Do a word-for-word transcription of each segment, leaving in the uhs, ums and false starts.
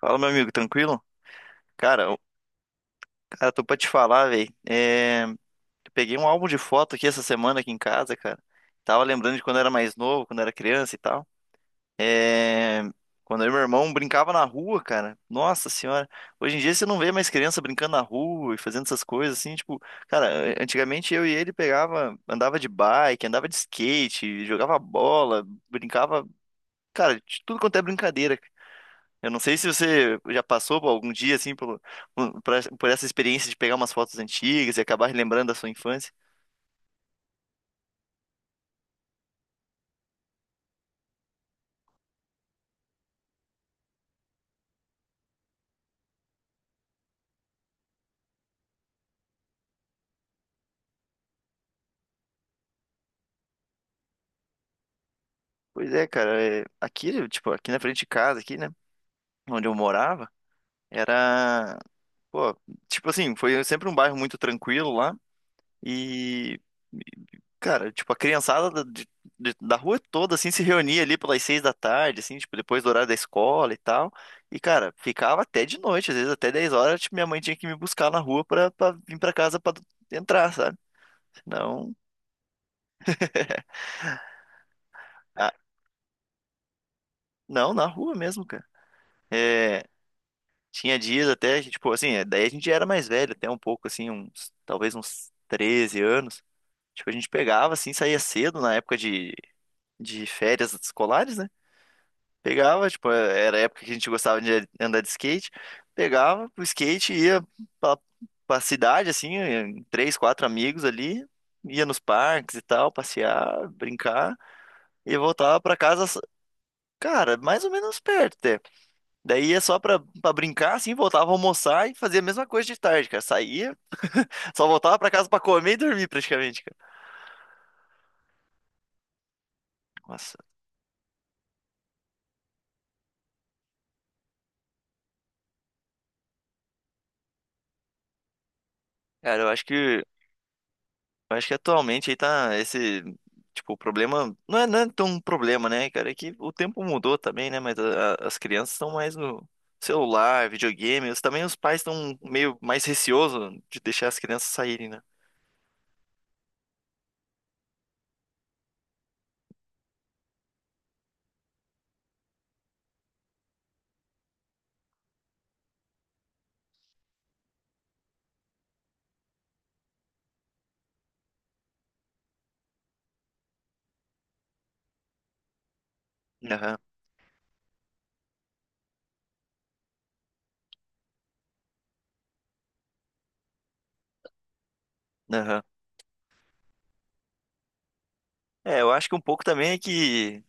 Fala, meu amigo, tranquilo? Cara, eu- cara, tô pra te falar, velho. É... eu Peguei um álbum de foto aqui essa semana aqui em casa, cara. Tava lembrando de quando eu era mais novo, quando eu era criança e tal. É... Quando eu e meu irmão brincava na rua, cara. Nossa senhora. Hoje em dia você não vê mais criança brincando na rua e fazendo essas coisas assim, tipo, cara, antigamente eu e ele pegava, andava de bike, andava de skate, jogava bola, brincava, cara, de tudo quanto é brincadeira. Eu não sei se você já passou por algum dia assim pelo- por, essa- por essa experiência de pegar umas fotos antigas e acabar lembrando da sua infância. Pois é, cara, é, aqui, tipo, aqui na frente de casa, aqui, né, onde eu morava, era, pô, tipo assim, foi sempre um bairro muito tranquilo lá. E, cara, tipo, a criançada da, de- de- da rua toda, assim, se reunia ali pelas seis da tarde, assim, tipo, depois do horário da escola e tal. E, cara, ficava até de noite, às vezes até dez horas, tipo, minha mãe tinha que me buscar na rua pra, pra vir pra casa pra entrar, sabe? Não, ah, não, na rua mesmo, cara. É, tinha dias até, que, tipo, assim, é, daí a gente já era mais velho, até um pouco, assim, uns, talvez uns treze anos. Tipo, a gente pegava, assim, saía cedo na época de, de férias escolares, né? Pegava, tipo, é, era a época que a gente gostava de andar de skate. Pegava o skate, ia pra, pra cidade, assim, em três, quatro amigos ali, ia nos parques e tal, passear, brincar, e voltava pra casa, s- cara, mais ou menos perto até. Daí ia só pra, pra brincar, assim, voltava a almoçar e fazia a mesma coisa de tarde, cara. Saía, só voltava pra casa pra comer e dormir praticamente, cara. Nossa, cara, eu acho que Eu acho que atualmente aí tá esse, tipo, o problema, não é, não é tão um problema, né, cara, é que o tempo mudou também, né, mas a- a- as crianças estão mais no celular, videogame, os- também os pais estão meio mais receosos de deixar as crianças saírem, né. Aham, aham. É, eu acho que um pouco também é que,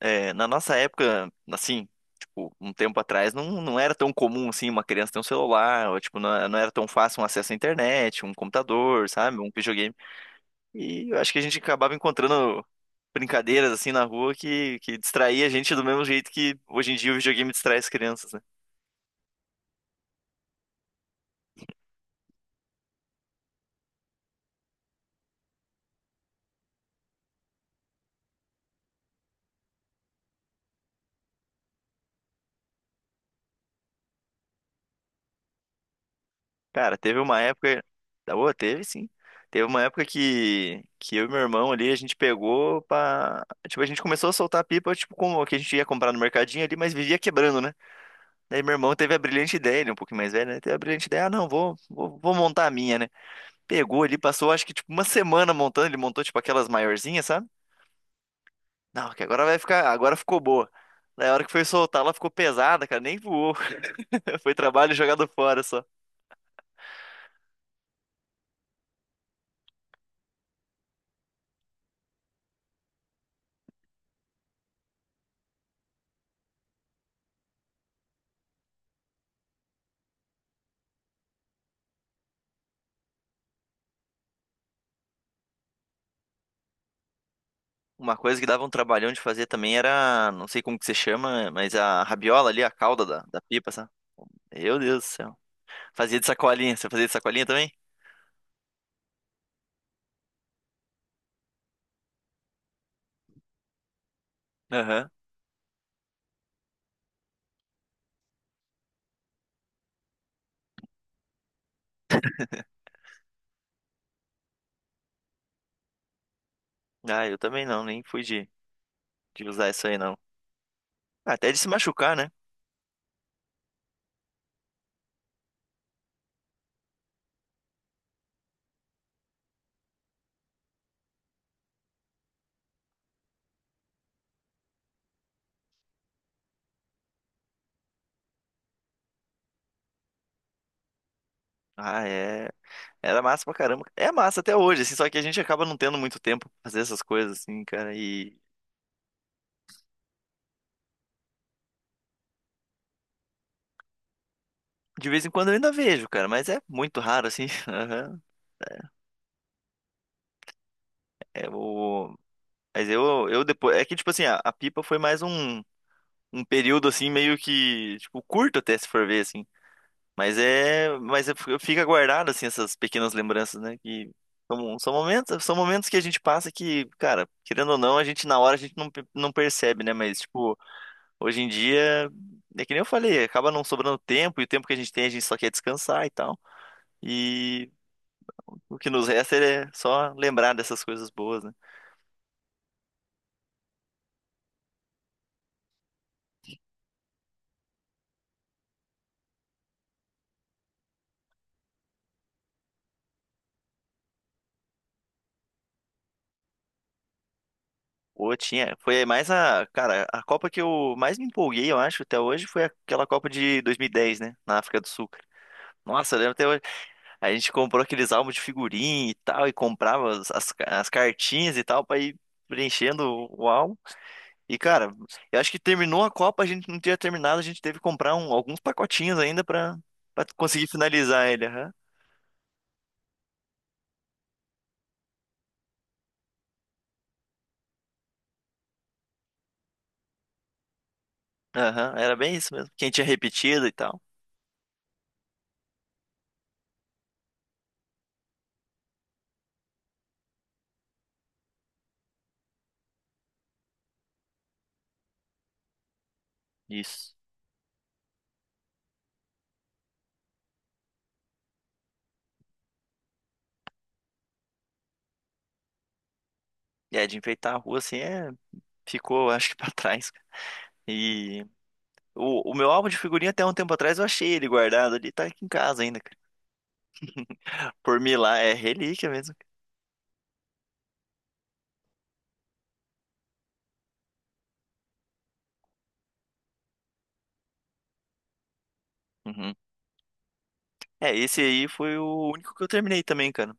é, na nossa época, assim, tipo, um tempo atrás, não, não era tão comum, assim, uma criança ter um celular, ou, tipo, não, não era tão fácil um acesso à internet, um computador, sabe, um videogame. E eu acho que a gente acabava encontrando brincadeiras assim na rua que, que distraía a gente do mesmo jeito que hoje em dia o videogame distrai as crianças, né? Cara, teve uma época. Tá boa, teve sim. Teve uma época que, que eu e meu irmão ali, a gente pegou pra. Tipo, a gente começou a soltar pipa, tipo, como que a gente ia comprar no mercadinho ali, mas vivia quebrando, né? Daí meu irmão teve a brilhante ideia, ele é um pouquinho mais velho, né? Teve a brilhante ideia, ah, não, vou, vou, vou montar a minha, né? Pegou ali, passou acho que tipo uma semana montando, ele montou tipo aquelas maiorzinhas, sabe? Não, que agora vai ficar. Agora ficou boa. Daí a hora que foi soltar, ela ficou pesada, cara. Nem voou. Foi trabalho jogado fora só. Uma coisa que dava um trabalhão de fazer também era, não sei como que se chama, mas a rabiola ali, a cauda da, da pipa, sabe? Meu Deus do céu. Fazia de sacolinha. Você fazia de sacolinha também? Aham. Ah, eu também não, nem fui de, de usar isso aí não. Até de se machucar, né? Ah, é. Era massa pra caramba. É massa até hoje, assim, só que a gente acaba não tendo muito tempo pra fazer essas coisas, assim, cara. E de vez em quando eu ainda vejo, cara, mas é muito raro, assim. Aham. É o... Mas eu, eu depois. É que, tipo assim, a, a pipa foi mais um, um período, assim, meio que, tipo, curto até se for ver, assim. Mas é. Mas é- fica guardado, assim, essas pequenas lembranças, né? Que são, são momentos, são momentos que a gente passa que, cara, querendo ou não, a gente na hora a gente não, pe- não percebe, né? Mas, tipo. Hoje em dia, é que nem eu falei, acaba não sobrando tempo, e o tempo que a gente tem a gente só quer descansar e tal. E o que nos resta é só lembrar dessas coisas boas, né? Ou tinha, foi mais a, cara, a Copa que eu mais me empolguei, eu acho, até hoje foi aquela Copa de dois mil e dez, né, na África do Sul. Cara. Nossa, eu lembro até hoje. A gente comprou aqueles álbuns de figurinha e tal, e comprava as, as, as cartinhas e tal pra ir preenchendo o álbum. E, cara, eu acho que terminou a Copa, a gente não tinha terminado, a gente teve que comprar um- alguns pacotinhos ainda pra, pra conseguir finalizar ele. Aham. Aham, era bem isso mesmo. Quem tinha repetido e tal. Isso. E é, de enfeitar a rua assim é. Ficou, acho que pra trás. Cara. E o, o meu álbum de figurinha até um tempo atrás eu achei ele guardado ali, tá aqui em casa ainda, cara. Por mim lá é relíquia mesmo. Cara. Uhum. É, esse aí foi o único que eu terminei também, cara.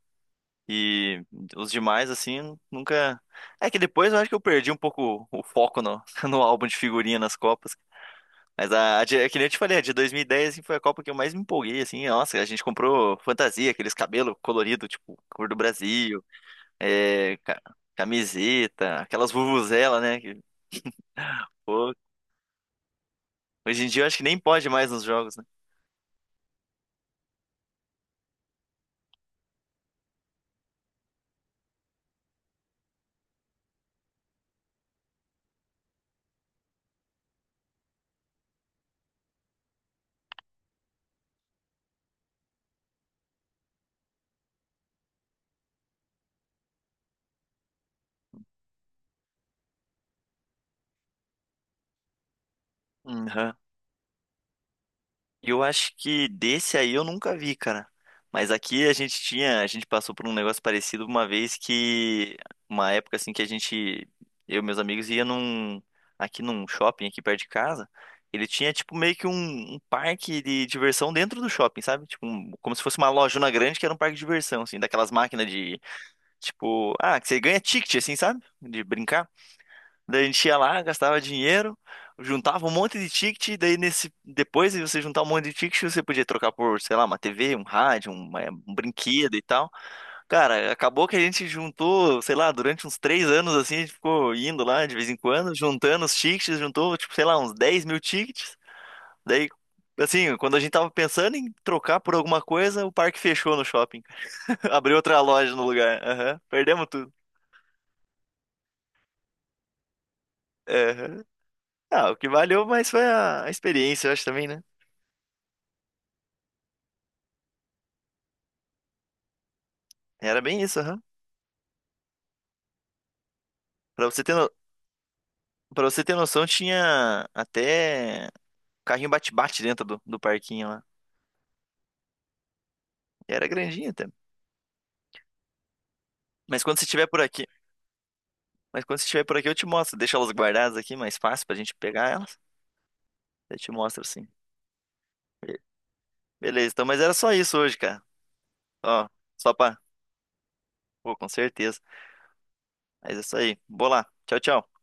E os demais, assim, nunca. É que depois eu acho que eu perdi um pouco o foco no, no álbum de figurinha nas Copas. Mas a, a de- é que nem eu te falei, a de dois mil e dez assim, foi a Copa que eu mais me empolguei, assim. Nossa, a gente comprou fantasia, aqueles cabelos coloridos, tipo, cor do Brasil, é, ca- camiseta, aquelas vuvuzela, né? Que, pô, hoje em dia eu acho que nem pode mais nos jogos, né? Uhum. Eu acho que desse aí eu nunca vi, cara. Mas aqui a gente tinha, a gente passou por um negócio parecido uma vez que, uma época assim que a gente, eu e meus amigos ia num, aqui num shopping aqui perto de casa. Ele tinha tipo meio que um, um parque de diversão dentro do shopping, sabe? Tipo, um- como se fosse uma lojona grande que era um parque de diversão, assim, daquelas máquinas de, tipo, ah, que você ganha ticket, assim, sabe? De brincar. Daí a gente ia lá, gastava dinheiro, juntava um monte de ticket, daí nesse depois de você juntar um monte de ticket, você podia trocar por, sei lá, uma T V, um rádio, um, eh, um brinquedo e tal. Cara, acabou que a gente juntou, sei lá, durante uns três anos assim, a gente ficou indo lá de vez em quando, juntando os tickets, juntou, tipo, sei lá, uns dez mil tickets. Daí, assim, quando a gente tava pensando em trocar por alguma coisa, o parque fechou no shopping. Abriu outra loja no lugar. Aham. Perdemos tudo. Aham. Ah, o que valeu, mas foi a a experiência, eu acho também, né? Era bem isso, aham. Pra você ter no... pra você ter noção, tinha até carrinho bate-bate dentro do, do parquinho lá. E era grandinho até. Mas quando você estiver por aqui, mas quando você estiver por aqui, eu te mostro. Deixa elas guardadas aqui, mais fácil pra gente pegar elas. Eu te mostro sim. Be- Beleza, então, mas era só isso hoje, cara. Ó, só pra. Pô, com certeza. Mas é isso aí. Vou lá. Tchau, tchau.